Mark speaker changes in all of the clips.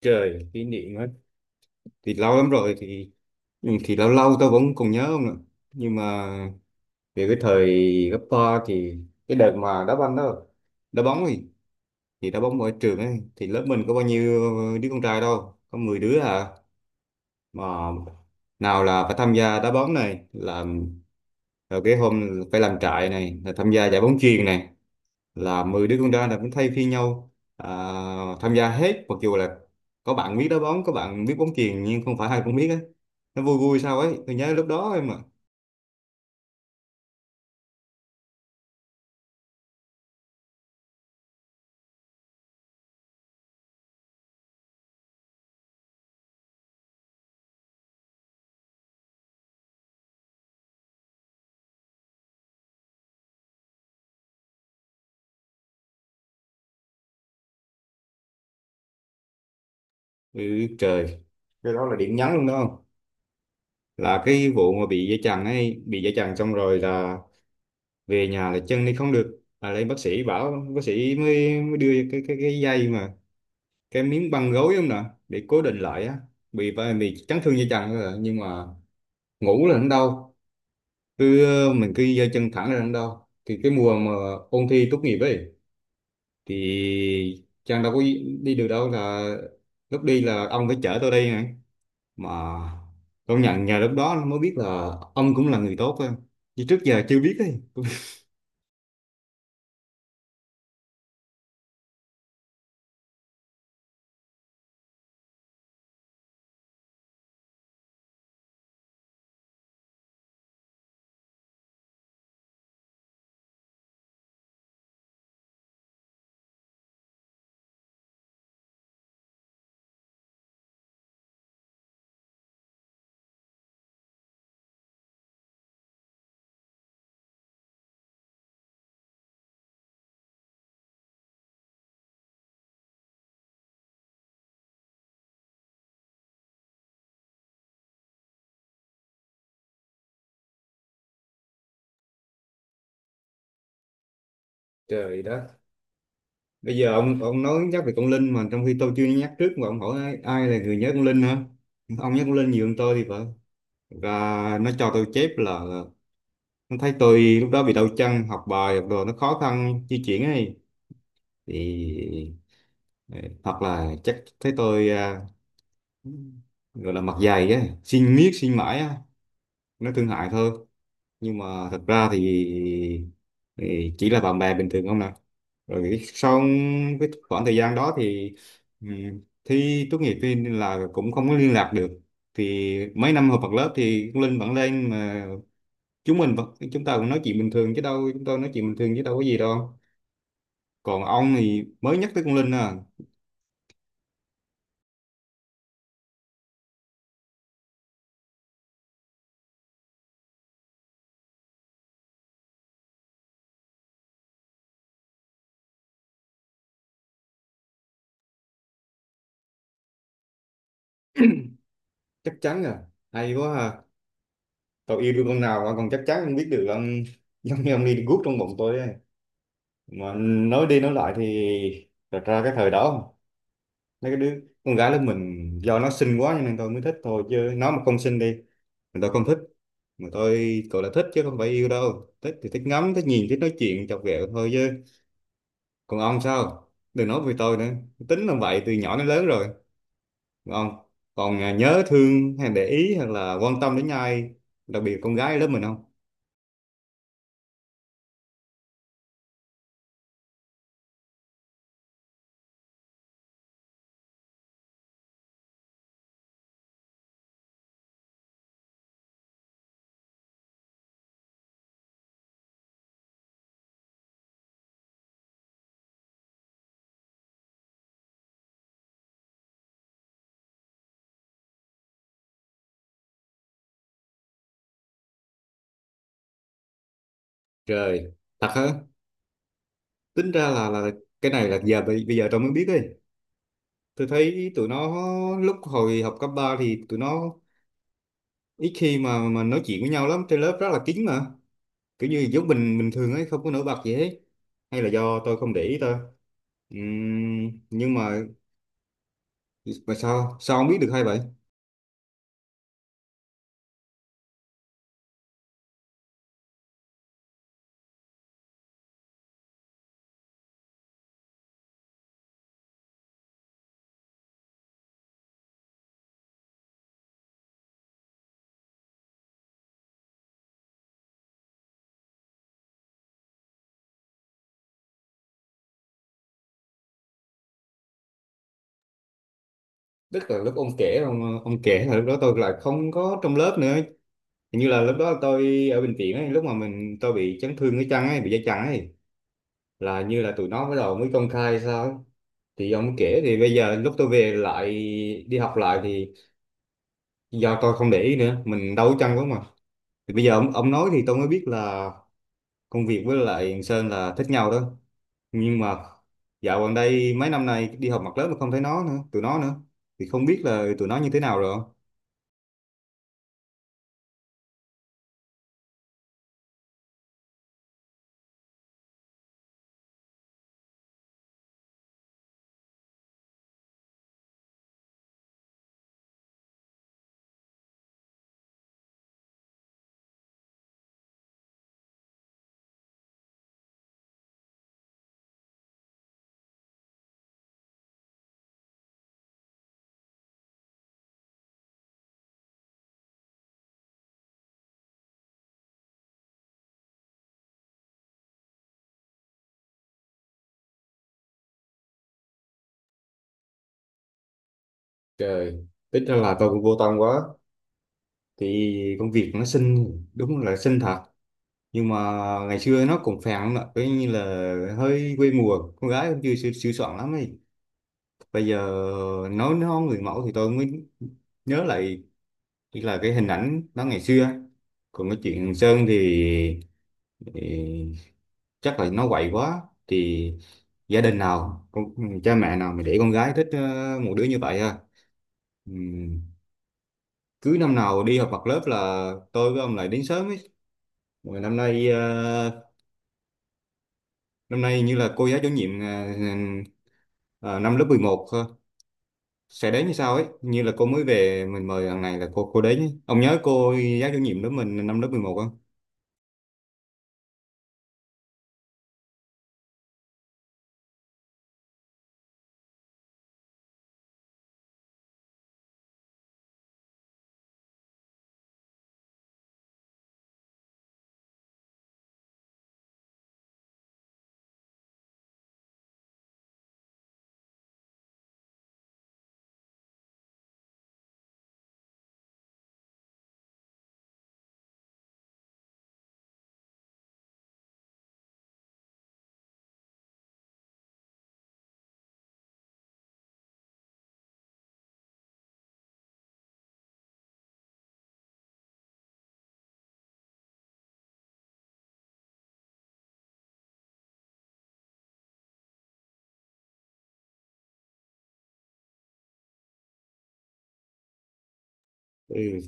Speaker 1: Trời, kỷ niệm á thì lâu lắm rồi thì lâu lâu tôi vẫn còn nhớ không ạ. Nhưng mà về cái thời cấp ba thì cái đợt mà đá banh đó, đá bóng thì đá bóng ở trường ấy, thì lớp mình có bao nhiêu đứa con trai đâu, có 10 đứa à. Mà nào là phải tham gia đá bóng này, làm rồi cái hôm phải làm trại này, là tham gia giải bóng chuyền này. Là 10 đứa con trai là cũng thay phiên nhau à, tham gia hết, mặc dù là có bạn biết đá bóng có bạn biết bóng chuyền nhưng không phải ai cũng biết ấy, nó vui vui sao ấy, tôi nhớ lúc đó em mà. Ừ, trời, cái đó là điểm nhấn luôn đó không, là cái vụ mà bị dây chằng ấy, bị dây chằng xong rồi là về nhà là chân đi không được, là lên bác sĩ bảo, bác sĩ mới đưa cái dây mà cái miếng băng gối không nè, để cố định lại á, bị chấn thương dây chằng thôi à. Nhưng mà ngủ là nó đau, cứ mình cứ giơ chân thẳng ra đằng đâu, thì cái mùa mà ôn thi tốt nghiệp ấy thì Trang đâu có đi được đâu, là lúc đi là ông phải chở tôi đi này. Mà công nhận nhờ lúc đó mới biết là ông cũng là người tốt á, chứ trước giờ chưa biết ấy. Trời đất, bây giờ ông nói nhắc về con Linh, mà trong khi tôi chưa nhắc trước mà ông hỏi ai, ai là người nhớ con Linh hả? Ông nhắc con Linh nhiều hơn tôi thì phải. Và nó cho tôi chép là nó thấy tôi lúc đó bị đau chân, học bài học đồ nó khó khăn di chuyển ấy, thì hoặc là chắc thấy tôi gọi là mặt dày á, xin miết xin mãi á, nó thương hại thôi. Nhưng mà thật ra thì chỉ là bạn bè bình thường không nè. Rồi sau cái khoảng thời gian đó thì thi tốt nghiệp thì là cũng không có liên lạc được. Thì mấy năm học bằng lớp thì con Linh vẫn lên mà, chúng mình vẫn chúng ta cũng nói chuyện bình thường chứ đâu, chúng tôi nói chuyện bình thường chứ đâu có gì đâu. Còn ông thì mới nhắc tới con Linh à. Chắc chắn à? Hay quá à! Tôi yêu đương con nào mà còn chắc chắn không biết được ông, giống như ông đi guốc trong bụng tôi ấy. Mà nói đi nói lại thì thật ra cái thời đó, mấy cái đứa con gái lớp mình do nó xinh quá cho nên tôi mới thích thôi, chứ nó mà không xinh đi thì tôi không thích. Mà tôi gọi là thích chứ không phải yêu đâu, thích thì thích ngắm thích nhìn thích nói chuyện chọc ghẹo thôi chứ. Còn ông sao, đừng nói về tôi nữa, tính là vậy từ nhỏ đến lớn rồi. Còn ông còn nhớ thương hay để ý hay là quan tâm đến ai, đặc biệt con gái lớp mình không? Trời, thật hả? Tính ra là cái này là giờ bây bây giờ tao mới biết ấy. Tôi thấy tụi nó lúc hồi học cấp 3 thì tụi nó ít khi mà nói chuyện với nhau lắm, trên lớp rất là kín mà, kiểu như giống mình bình thường ấy, không có nổi bật gì hết, hay là do tôi không để ý thôi. Nhưng mà sao sao ông biết được hay vậy? Tức là lúc ông kể, ông kể là lúc đó tôi lại không có trong lớp nữa, hình như là lúc đó tôi ở bệnh viện ấy, lúc mà mình tôi bị chấn thương cái chân ấy, bị dây chằng ấy, là như là tụi nó bắt đầu mới công khai sao ấy, thì ông kể. Thì bây giờ lúc tôi về lại đi học lại thì do tôi không để ý nữa, mình đâu có chăng quá mà. Thì bây giờ ông nói thì tôi mới biết là công việc với lại thằng Sơn là thích nhau đó. Nhưng mà dạo gần đây mấy năm nay đi học mặt lớp mà không thấy nó nữa, tụi nó nữa, thì không biết là tụi nó như thế nào rồi. Trời, ít ra là tôi cũng vô tâm quá thì công việc nó xinh, đúng là xinh thật, nhưng mà ngày xưa nó cũng phèn lắm ạ, coi như là hơi quê mùa, con gái cũng chưa sửa soạn lắm ấy. Bây giờ nói nó người mẫu thì tôi mới nhớ lại là cái hình ảnh nó ngày xưa. Còn cái chuyện Hằng Sơn thì chắc là nó quậy quá thì gia đình nào con, cha mẹ nào mà để con gái thích một đứa như vậy ha. Ừm, cứ năm nào đi họp mặt lớp là tôi với ông lại đến sớm ấy. Rồi năm nay năm nay như là cô giáo chủ nhiệm ờ, năm lớp 11 sẽ đến như sau ấy, như là cô mới về mình mời thằng này là cô đến ấy. Ông nhớ cô giáo chủ nhiệm lớp mình năm lớp mười một không? Ừ,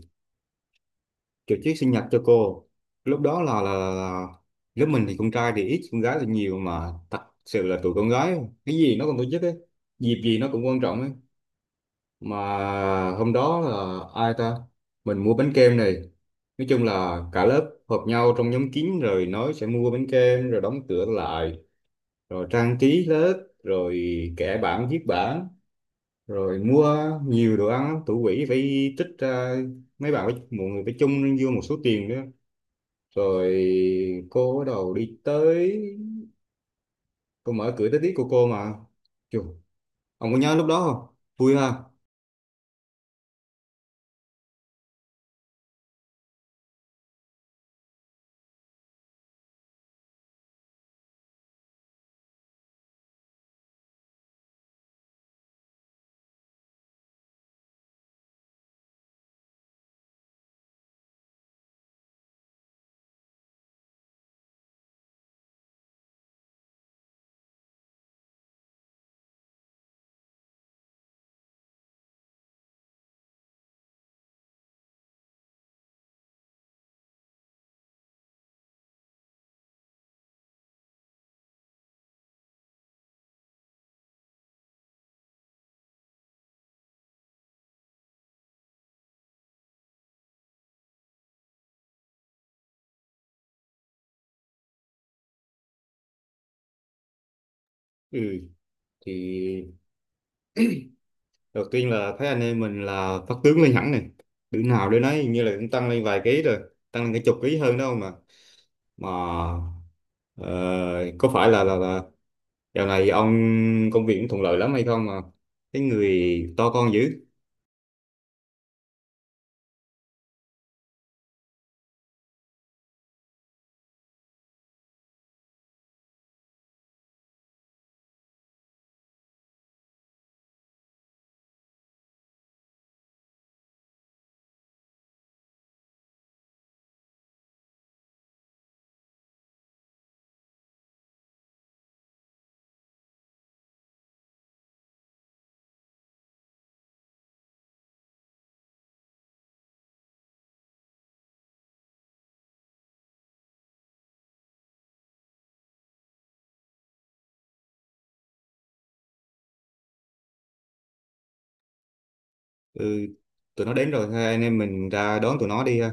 Speaker 1: tổ chức sinh nhật cho cô lúc đó là lớp mình thì con trai thì ít con gái thì nhiều, mà thật sự là tụi con gái cái gì nó cũng tổ chức ấy, dịp gì nó cũng quan trọng ấy. Mà hôm đó là ai ta, mình mua bánh kem này, nói chung là cả lớp họp nhau trong nhóm kín rồi nói sẽ mua bánh kem rồi đóng cửa lại, rồi trang trí lớp, rồi kẻ bảng viết bảng, rồi mua nhiều đồ ăn lắm. Thủ quỹ phải tích ra, mấy bạn phải, mọi người phải chung vô một số tiền nữa, rồi cô bắt đầu đi tới, cô mở cửa tới tiếp của cô mà. Chù, ông có nhớ lúc đó không, vui ha? Ừ thì đầu tiên là thấy anh em mình là phát tướng lên hẳn này, đứa nào đứa nấy hình như là cũng tăng lên vài ký rồi, tăng lên cả chục ký hơn đâu mà. Mà ờ, có phải là dạo này ông công việc cũng thuận lợi lắm hay không mà cái người to con dữ? Ừ, tụi nó đến rồi, thôi anh em mình ra đón tụi nó đi, ha.